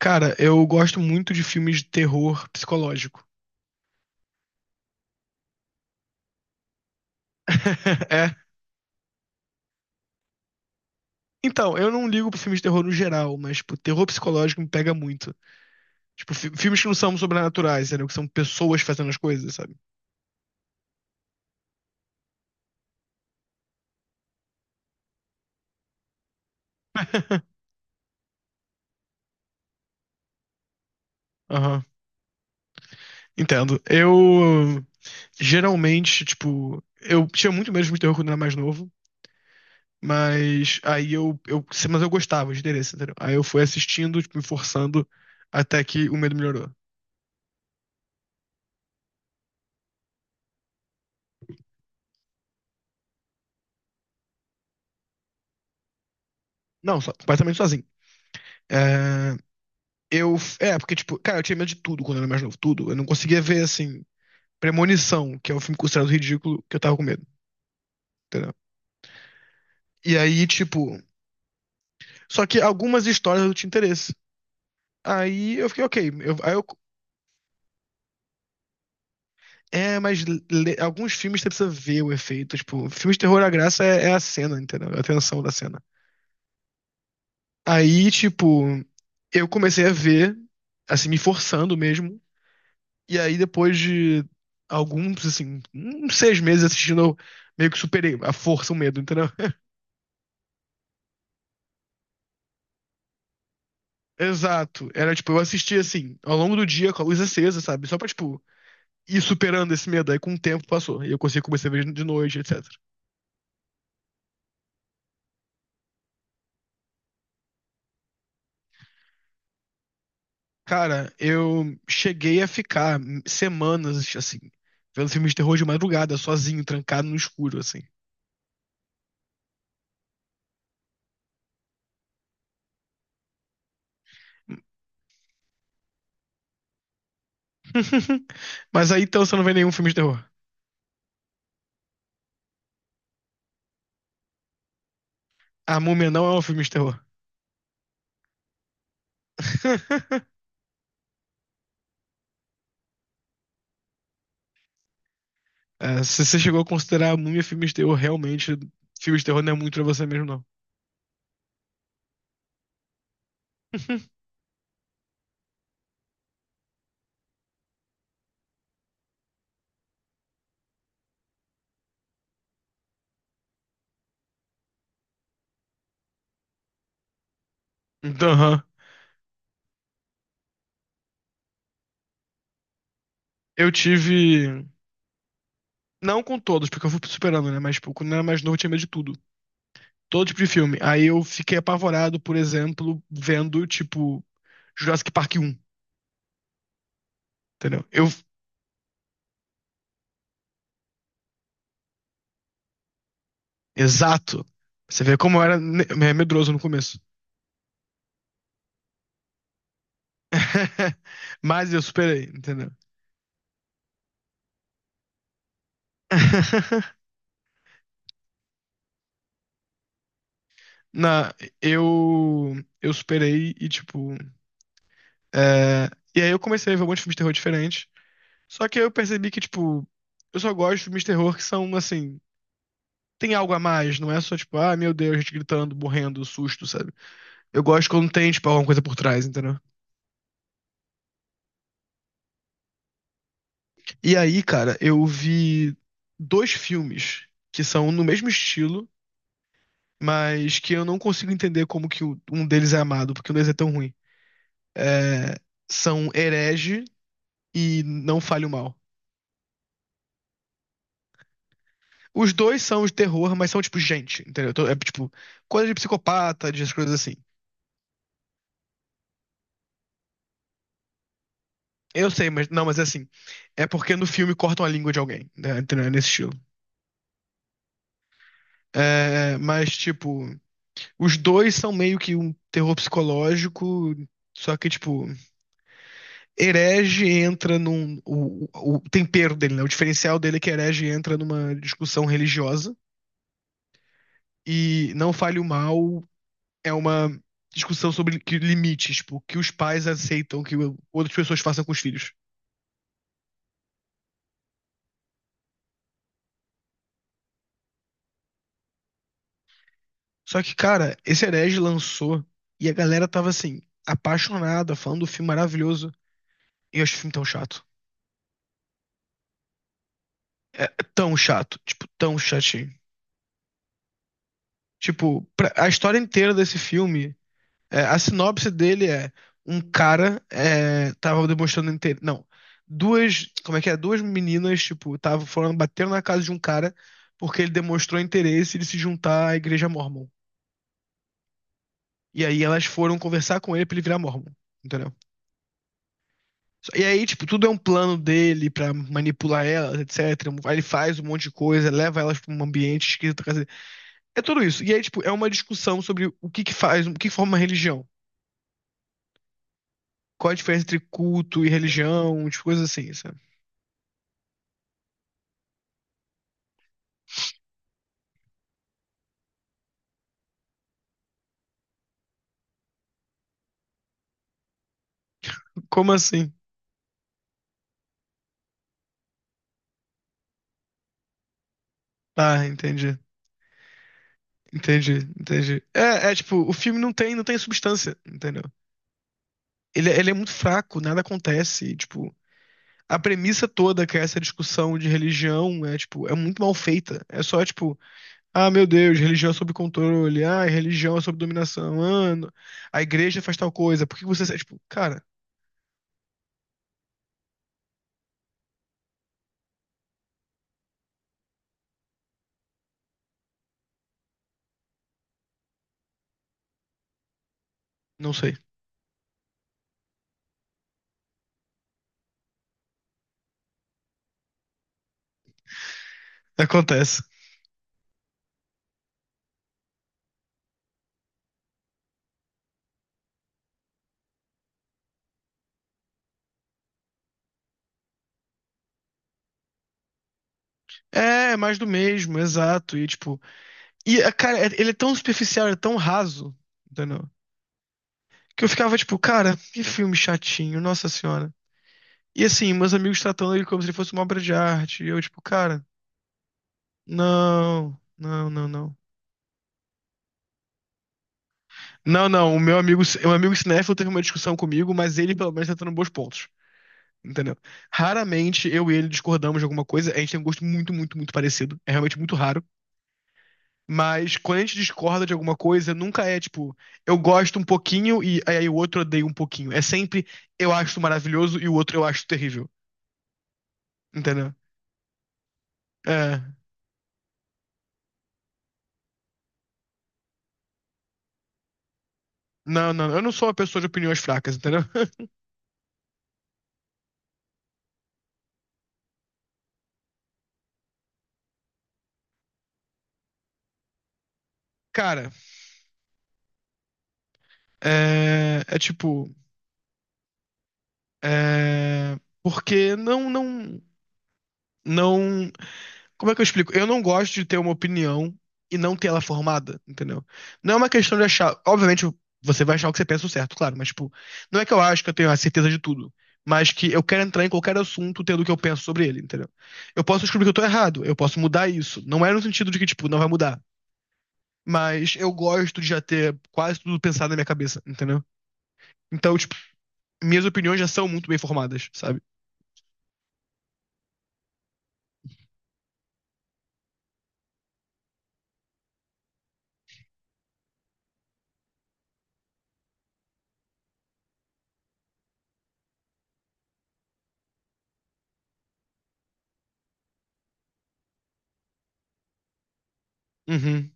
Cara, eu gosto muito de filmes de terror psicológico. É. Então, eu não ligo pra filmes de terror no geral, mas, tipo, terror psicológico me pega muito. Tipo, filmes que não são sobrenaturais, entendeu? Que são pessoas fazendo as coisas, sabe? Aham. Entendo. Eu geralmente, tipo, eu tinha muito medo de filme de terror quando eu era mais novo. Mas aí eu, eu, mas eu gostava de interesse, entendeu? Aí eu fui assistindo, tipo, me forçando até que o medo melhorou. Não, só, completamente sozinho. É, porque, tipo, cara, eu tinha medo de tudo quando eu era mais novo, tudo. Eu não conseguia ver, assim, Premonição, que é um filme considerado ridículo, que eu tava com medo, entendeu? E aí, tipo, só que algumas histórias eu tinha interesse. Aí eu fiquei, ok, eu, aí eu, É, mas alguns filmes você precisa ver o efeito. Tipo, filmes de terror, a graça é a cena, entendeu? É a tensão da cena. Aí, tipo, eu comecei a ver, assim, me forçando mesmo. E aí, depois de alguns, assim, uns seis meses assistindo, eu meio que superei a força, o medo, entendeu? Exato. Era, tipo, eu assistia, assim, ao longo do dia com a luz acesa, sabe? Só pra, tipo, ir superando esse medo. Aí, com o tempo, passou. E eu consegui começar a ver de noite, etc. Cara, eu cheguei a ficar semanas, assim, vendo filmes de terror de madrugada, sozinho, trancado no escuro, assim. Mas aí então você não vê nenhum filme de terror. A Múmia não é um filme de terror. É, se você chegou a considerar a Múmia filme de terror, realmente, filme de terror não é muito pra você mesmo, não. Então, aham. Eu tive. Não com todos, porque eu fui superando, né? Mas, tipo, quando eu era mais novo, eu tinha medo de tudo. Todo tipo de filme. Aí eu fiquei apavorado, por exemplo, vendo, tipo, Jurassic Park 1. Entendeu? Exato. Você vê como eu era medroso no começo. Mas eu superei, entendeu? Na, eu, eu superei e, tipo. é, e aí eu comecei a ver um monte de filme de terror diferente. Só que aí eu percebi que, tipo, eu só gosto de filmes de terror que são, assim, tem algo a mais. Não é só, tipo, ah, meu Deus, gente gritando, morrendo, susto, sabe? Eu gosto quando tem, tipo, alguma coisa por trás, entendeu? E aí, cara, eu vi dois filmes que são no mesmo estilo mas que eu não consigo entender como que um deles é amado, porque um deles é tão ruim. É, são Herege e Não Fale o Mal. Os dois são de terror, mas são tipo gente, entendeu? Então, é tipo coisa de psicopata, de coisas assim. Eu sei, mas não, mas é assim. É porque no filme cortam a língua de alguém, né? Entendeu? É nesse estilo. É, mas tipo, os dois são meio que um terror psicológico, só que tipo Herege entra num. O tempero dele, né? O diferencial dele é que Herege entra numa discussão religiosa e Não Fale o Mal é uma discussão sobre que limites, tipo, que os pais aceitam que outras pessoas façam com os filhos. Só que, cara, esse Herege lançou e a galera tava assim, apaixonada, falando do filme maravilhoso. E eu acho o filme tão chato. É tão chato, tipo, tão chatinho. Tipo, a história inteira desse filme é, a sinopse dele é um cara é, tava demonstrando interesse. Não, duas. Como é que é? Duas meninas, tipo, estavam falando, bateram na casa de um cara porque ele demonstrou interesse de se juntar à igreja mórmon. E aí elas foram conversar com ele pra ele virar mórmon, entendeu? E aí, tipo, tudo é um plano dele pra manipular elas, etc. Aí ele faz um monte de coisa, leva elas pra um ambiente esquisito. Quer dizer, é tudo isso. E aí, tipo, é uma discussão sobre o que que faz, o que forma religião. Qual a diferença entre culto e religião, tipo, coisas assim. Como assim? Tá, entendi. Entendi, entendi. É, é tipo, o filme não tem, não tem substância, entendeu? Ele é muito fraco, nada acontece, e, tipo, a premissa toda que é essa discussão de religião é tipo, é muito mal feita. É só tipo, ah, meu Deus, religião é sob controle, ah, religião é sob dominação, ah, a igreja faz tal coisa, por que você, é, tipo, cara, não sei. Acontece. É, é mais do mesmo, exato, e tipo, e ah, cara, ele é tão superficial, é tão raso, entendeu? Que eu ficava tipo, cara, que filme chatinho, nossa senhora. E assim, meus amigos tratando ele como se ele fosse uma obra de arte. E eu, tipo, cara, não, não, não, não. Não, não, o meu amigo cinéfilo teve uma discussão comigo, mas ele pelo menos tá tendo bons pontos. Entendeu? Raramente eu e ele discordamos de alguma coisa. A gente tem um gosto muito, muito, muito parecido. É realmente muito raro. Mas quando a gente discorda de alguma coisa, nunca é tipo, eu gosto um pouquinho e aí o outro odeia um pouquinho. É sempre eu acho maravilhoso e o outro eu acho terrível. Entendeu? É. Não, não, eu não sou uma pessoa de opiniões fracas, entendeu? Cara, é, é tipo, é, porque não, não, não, como é que eu explico? Eu não gosto de ter uma opinião e não ter ela formada, entendeu? Não é uma questão de achar, obviamente você vai achar o que você pensa o certo, claro, mas tipo, não é que eu acho que eu tenho a certeza de tudo, mas que eu quero entrar em qualquer assunto tendo o que eu penso sobre ele, entendeu? Eu posso descobrir que eu tô errado, eu posso mudar isso, não é no sentido de que tipo, não vai mudar. Mas eu gosto de já ter quase tudo pensado na minha cabeça, entendeu? Então, tipo, minhas opiniões já são muito bem formadas, sabe? Uhum,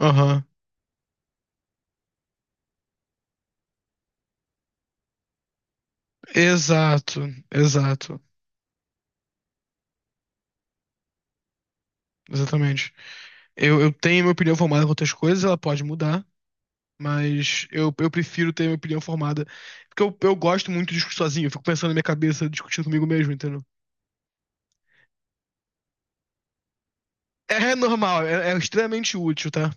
aham. Exato, exato. Exatamente. Eu tenho minha opinião formada com outras coisas, ela pode mudar, mas eu prefiro ter minha opinião formada. Porque eu gosto muito de discutir sozinho, eu fico pensando na minha cabeça, discutindo comigo mesmo, entendeu? É normal, é extremamente útil, tá?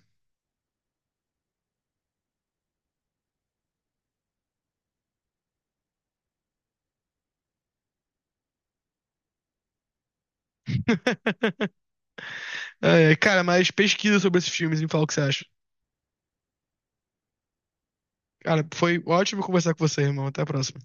É, cara, mas pesquisa sobre esses filmes e me fala o que você acha. Cara, foi ótimo conversar com você, irmão. Até a próxima.